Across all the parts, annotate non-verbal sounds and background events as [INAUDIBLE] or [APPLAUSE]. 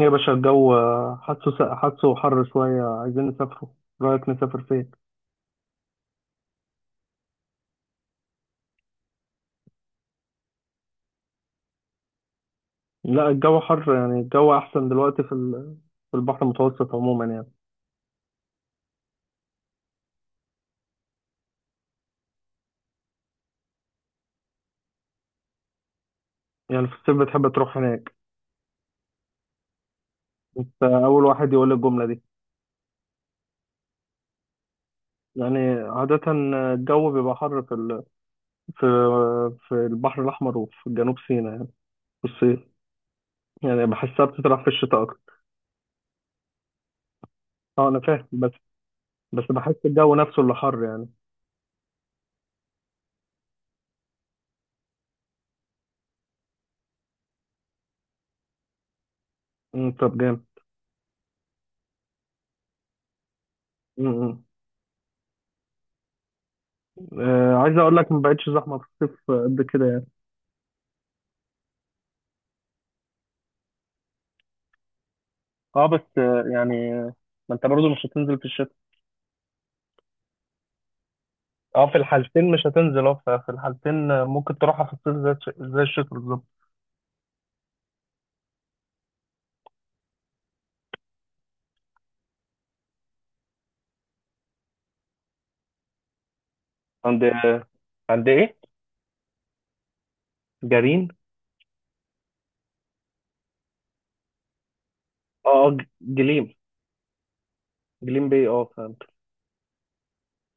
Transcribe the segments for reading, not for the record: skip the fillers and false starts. يا باشا، الجو حاسه حر شوية. عايزين نسافره. رأيك نسافر فين؟ لا، الجو حر. يعني الجو أحسن دلوقتي في البحر المتوسط عموما يعني. يعني في الصيف بتحب تروح هناك؟ أنت أول واحد يقول لي الجملة دي. يعني عادة الجو بيبقى حر في في البحر الأحمر، وفي جنوب سيناء، يعني في الصيف. يعني بحسها بتطرح في الشتاء أكتر. أه، أنا فاهم، بس بحس الجو نفسه اللي حر يعني. طب، جامد. أمم، أمم. عايز أقول لك، ما بقتش زحمة في الصيف قد كده. اه، بس يعني ما انت برضو مش هتنزل في الشتاء. اه، في الحالتين مش هتنزل. اه، في الحالتين ممكن تروحها في الصيف زي الشتاء بالظبط. عند آه، عند ايه؟ جرين. اه، جليم. جليم بي، اه، فهمت.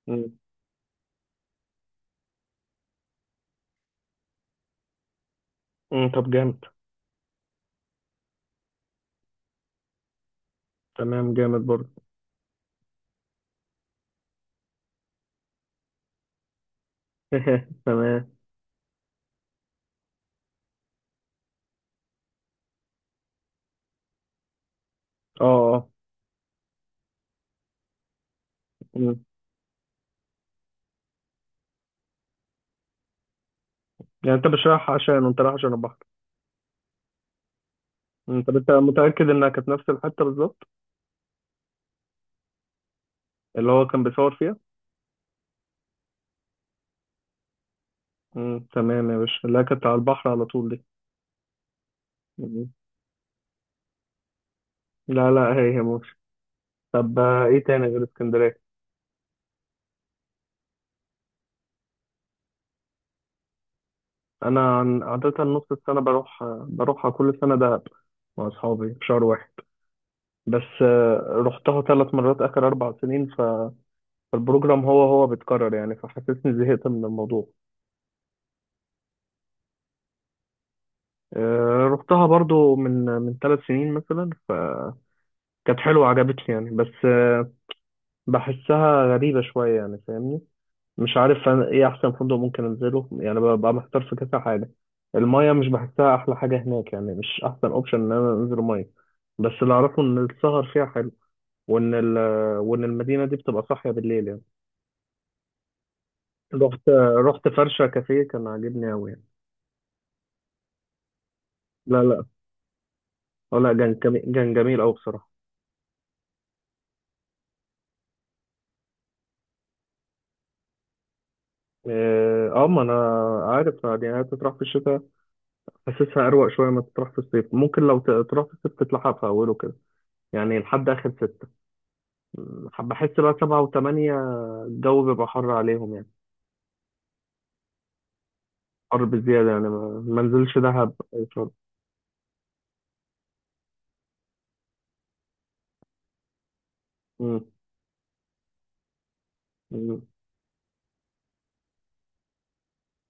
مم. مم. طب، جامد. تمام، جامد برضه. [LAUGHS] تمام. اه، اه. مم. يعني انت مش رايح عشان، انت رايح عشان البحر. مم. طب انت متأكد انها كانت نفس الحتة بالظبط، اللي هو كان بيصور فيها؟ مم. تمام يا باشا. لا، كانت على البحر على طول دي. مم. لا، لا، هي هي. طب ايه تاني غير اسكندريه؟ انا عاده نص السنه بروحها كل سنه دهب مع اصحابي في شهر واحد. بس رحتها ثلاث مرات اخر اربع سنين، فالبروجرام هو هو بيتكرر يعني، فحسسني زهقت من الموضوع. رحتها برضو من ثلاث سنين مثلا، فكانت حلوه عجبتني يعني. بس بحسها غريبه شويه يعني فاهمني. مش عارف انا ايه احسن فندق ممكن انزله، يعني ببقى محتار في كذا حاجه. المايه مش بحسها احلى حاجه هناك، يعني مش احسن اوبشن ان انا انزل مايه. بس اللي اعرفه ان السهر فيها حلو، وان المدينه دي بتبقى صاحيه بالليل يعني. رحت رحت فرشه كافيه، كان عاجبني قوي يعني. لا، لا، اه، لا، كان جميل قوي بصراحه. اه، ما انا عارف يعني هي تطرح في الشتاء. حاسسها اروق شويه ما تطرح في الصيف. ممكن لو تروح في الصيف تتلحق في اوله كده، يعني لحد اخر ستة. بحس بقى سبعة وثمانية الجو بيبقى حر عليهم يعني. حر بزيادة يعني، ما نزلش دهب أي شرب. مم. مم.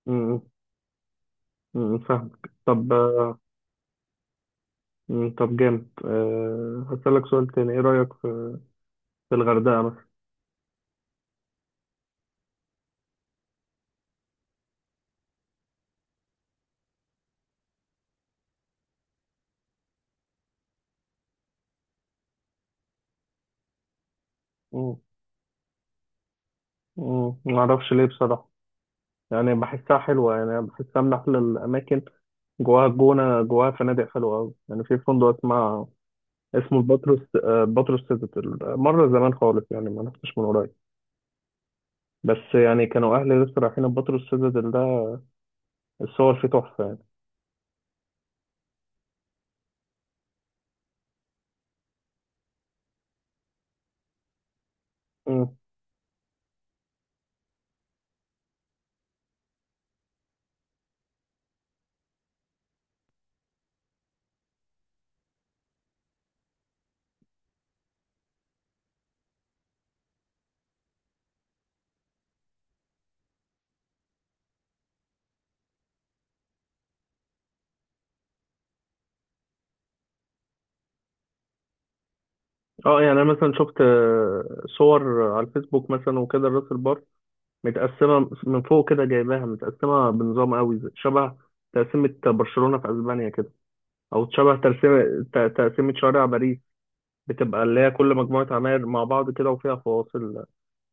مم. مم. فاهمك. طب مم. طب، جامد. أه، هسألك سؤال تاني: إيه رأيك في الغردقة مثلا؟ مم. مم. معرفش ليه بصراحة، يعني بحسها حلوة، يعني بحسها من أحلى الأماكن. جواها الجونة، جواها فنادق حلوة أوي. يعني في فندق اسمه الباتروس، باتروس سيتادل، مرة زمان خالص يعني، ما رحتش من قريب. بس يعني كانوا أهلي لسه رايحين الباتروس سيتادل ده. الصور فيه تحفة. مم. اه، يعني انا مثلا شفت صور على الفيسبوك مثلا وكده، راس البر متقسمه من فوق كده، جايباها متقسمه بنظام قوي شبه تقسيمه برشلونه في اسبانيا كده، او شبه تقسيمه تقسيمه شوارع باريس. بتبقى اللي هي كل مجموعه عماير مع بعض كده وفيها فواصل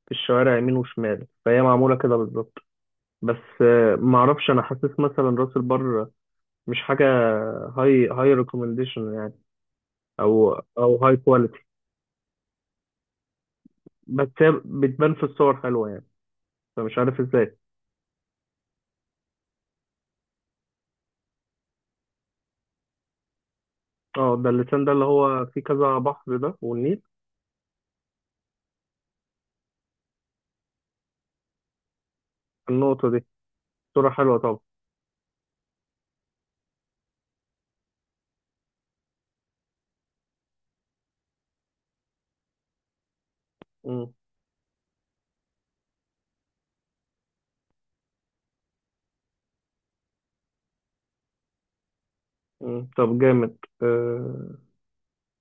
في الشوارع يمين وشمال، فهي معموله كده بالظبط. بس معرفش انا. حاسس مثلا راس البر مش حاجه هاي ريكومنديشن يعني، او او هاي كواليتي. بس هي بتبان في الصور حلوه يعني، فمش عارف ازاي. اه، ده اللسان ده، اللي هو فيه كذا بحر ده والنيل. النقطة دي صورة حلوة طبعا. مم. مم. طب، جامد. آه.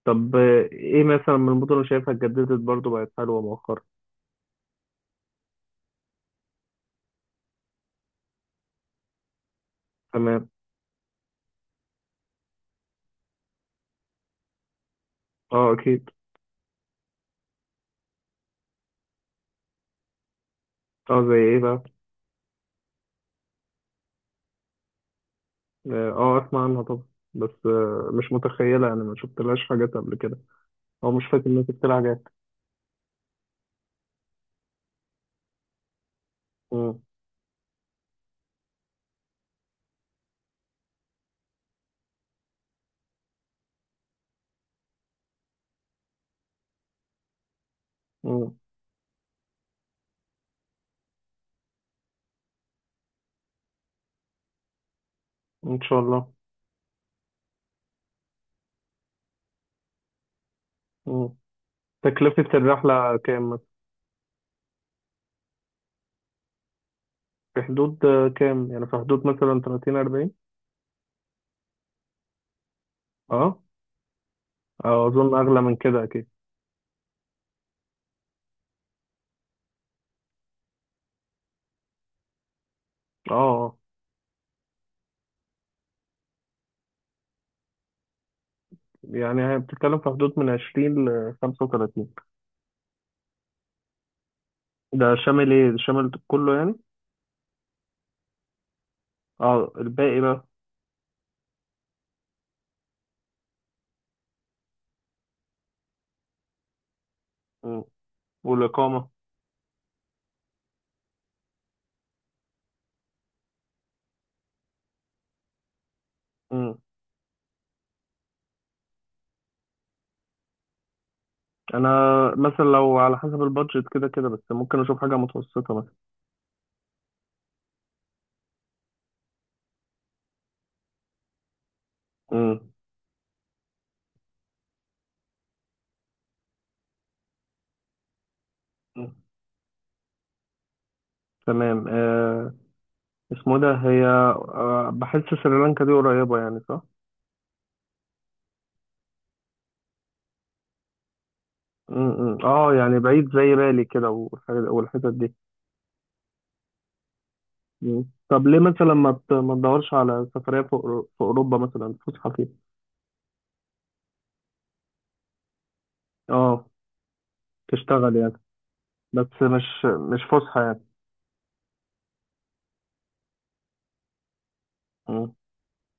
طب ايه مثلا من المدن اللي شايفها اتجددت برضو بقت حلوة مؤخرا؟ تمام. اه، اكيد. اه، زي ايه بقى؟ اه، اسمع عنها طبعا. بس مش متخيلة يعني، ما شفتلهاش حاجات قبل كده، او مش فاكر اني شفت لها حاجات. مم. مم. ان شاء الله. مم. تكلفة الرحلة كام مثلا؟ في حدود كام؟ يعني في حدود مثلا 30 40؟ اه، أظن أغلى من كده أكيد. أه، أه. يعني هي بتتكلم في حدود من 20 ل 35. ده شامل إيه؟ ده شامل كله يعني؟ أه، الباقي بقى. مم. والإقامة؟ مم. أنا مثلا لو على حسب البادجت كده كده، بس ممكن أشوف حاجة متوسطة مثلا. مم. مم. تمام. اسمه ده. هي بحس سريلانكا دي قريبة يعني، صح؟ مم. مم. أه، يعني بعيد زي بالي كده والحتت دي. مم. طب ليه مثلا ما تدورش على سفرية في في أوروبا مثلا، فسحة فيها؟ اه، تشتغل يعني، بس مش فسحة يعني. مم.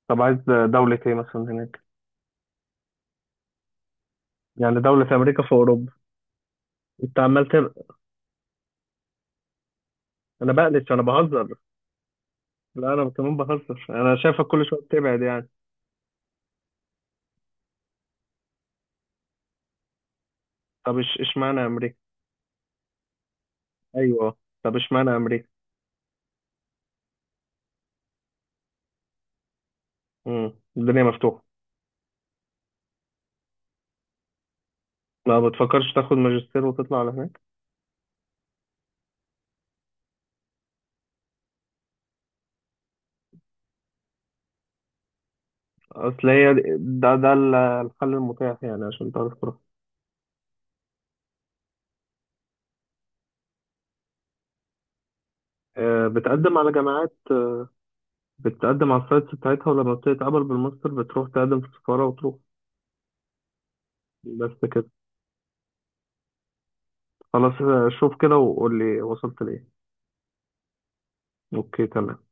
طب، عايز دولة ايه مثلا هناك؟ يعني دولة في أمريكا، في أوروبا؟ أنت عمال تبعد. أنا بقلش أنا بهزر. لا، أنا كمان بهزر، أنا شايفك كل شوية بتبعد يعني. طب، إشمعنى أمريكا؟ أيوه. طب إشمعنى أمريكا؟ مم. الدنيا مفتوحة. ما بتفكرش تاخد ماجستير وتطلع على هناك؟ أصل ده الحل المتاح، يعني عشان تعرف. بتقدم على جامعات، بتقدم على السايتس بتاعتها، ولما بتتقبل بالماستر بتروح تقدم في السفارة وتروح. بس كده. خلاص شوف كده وقول لي وصلت لإيه. أوكي، تمام.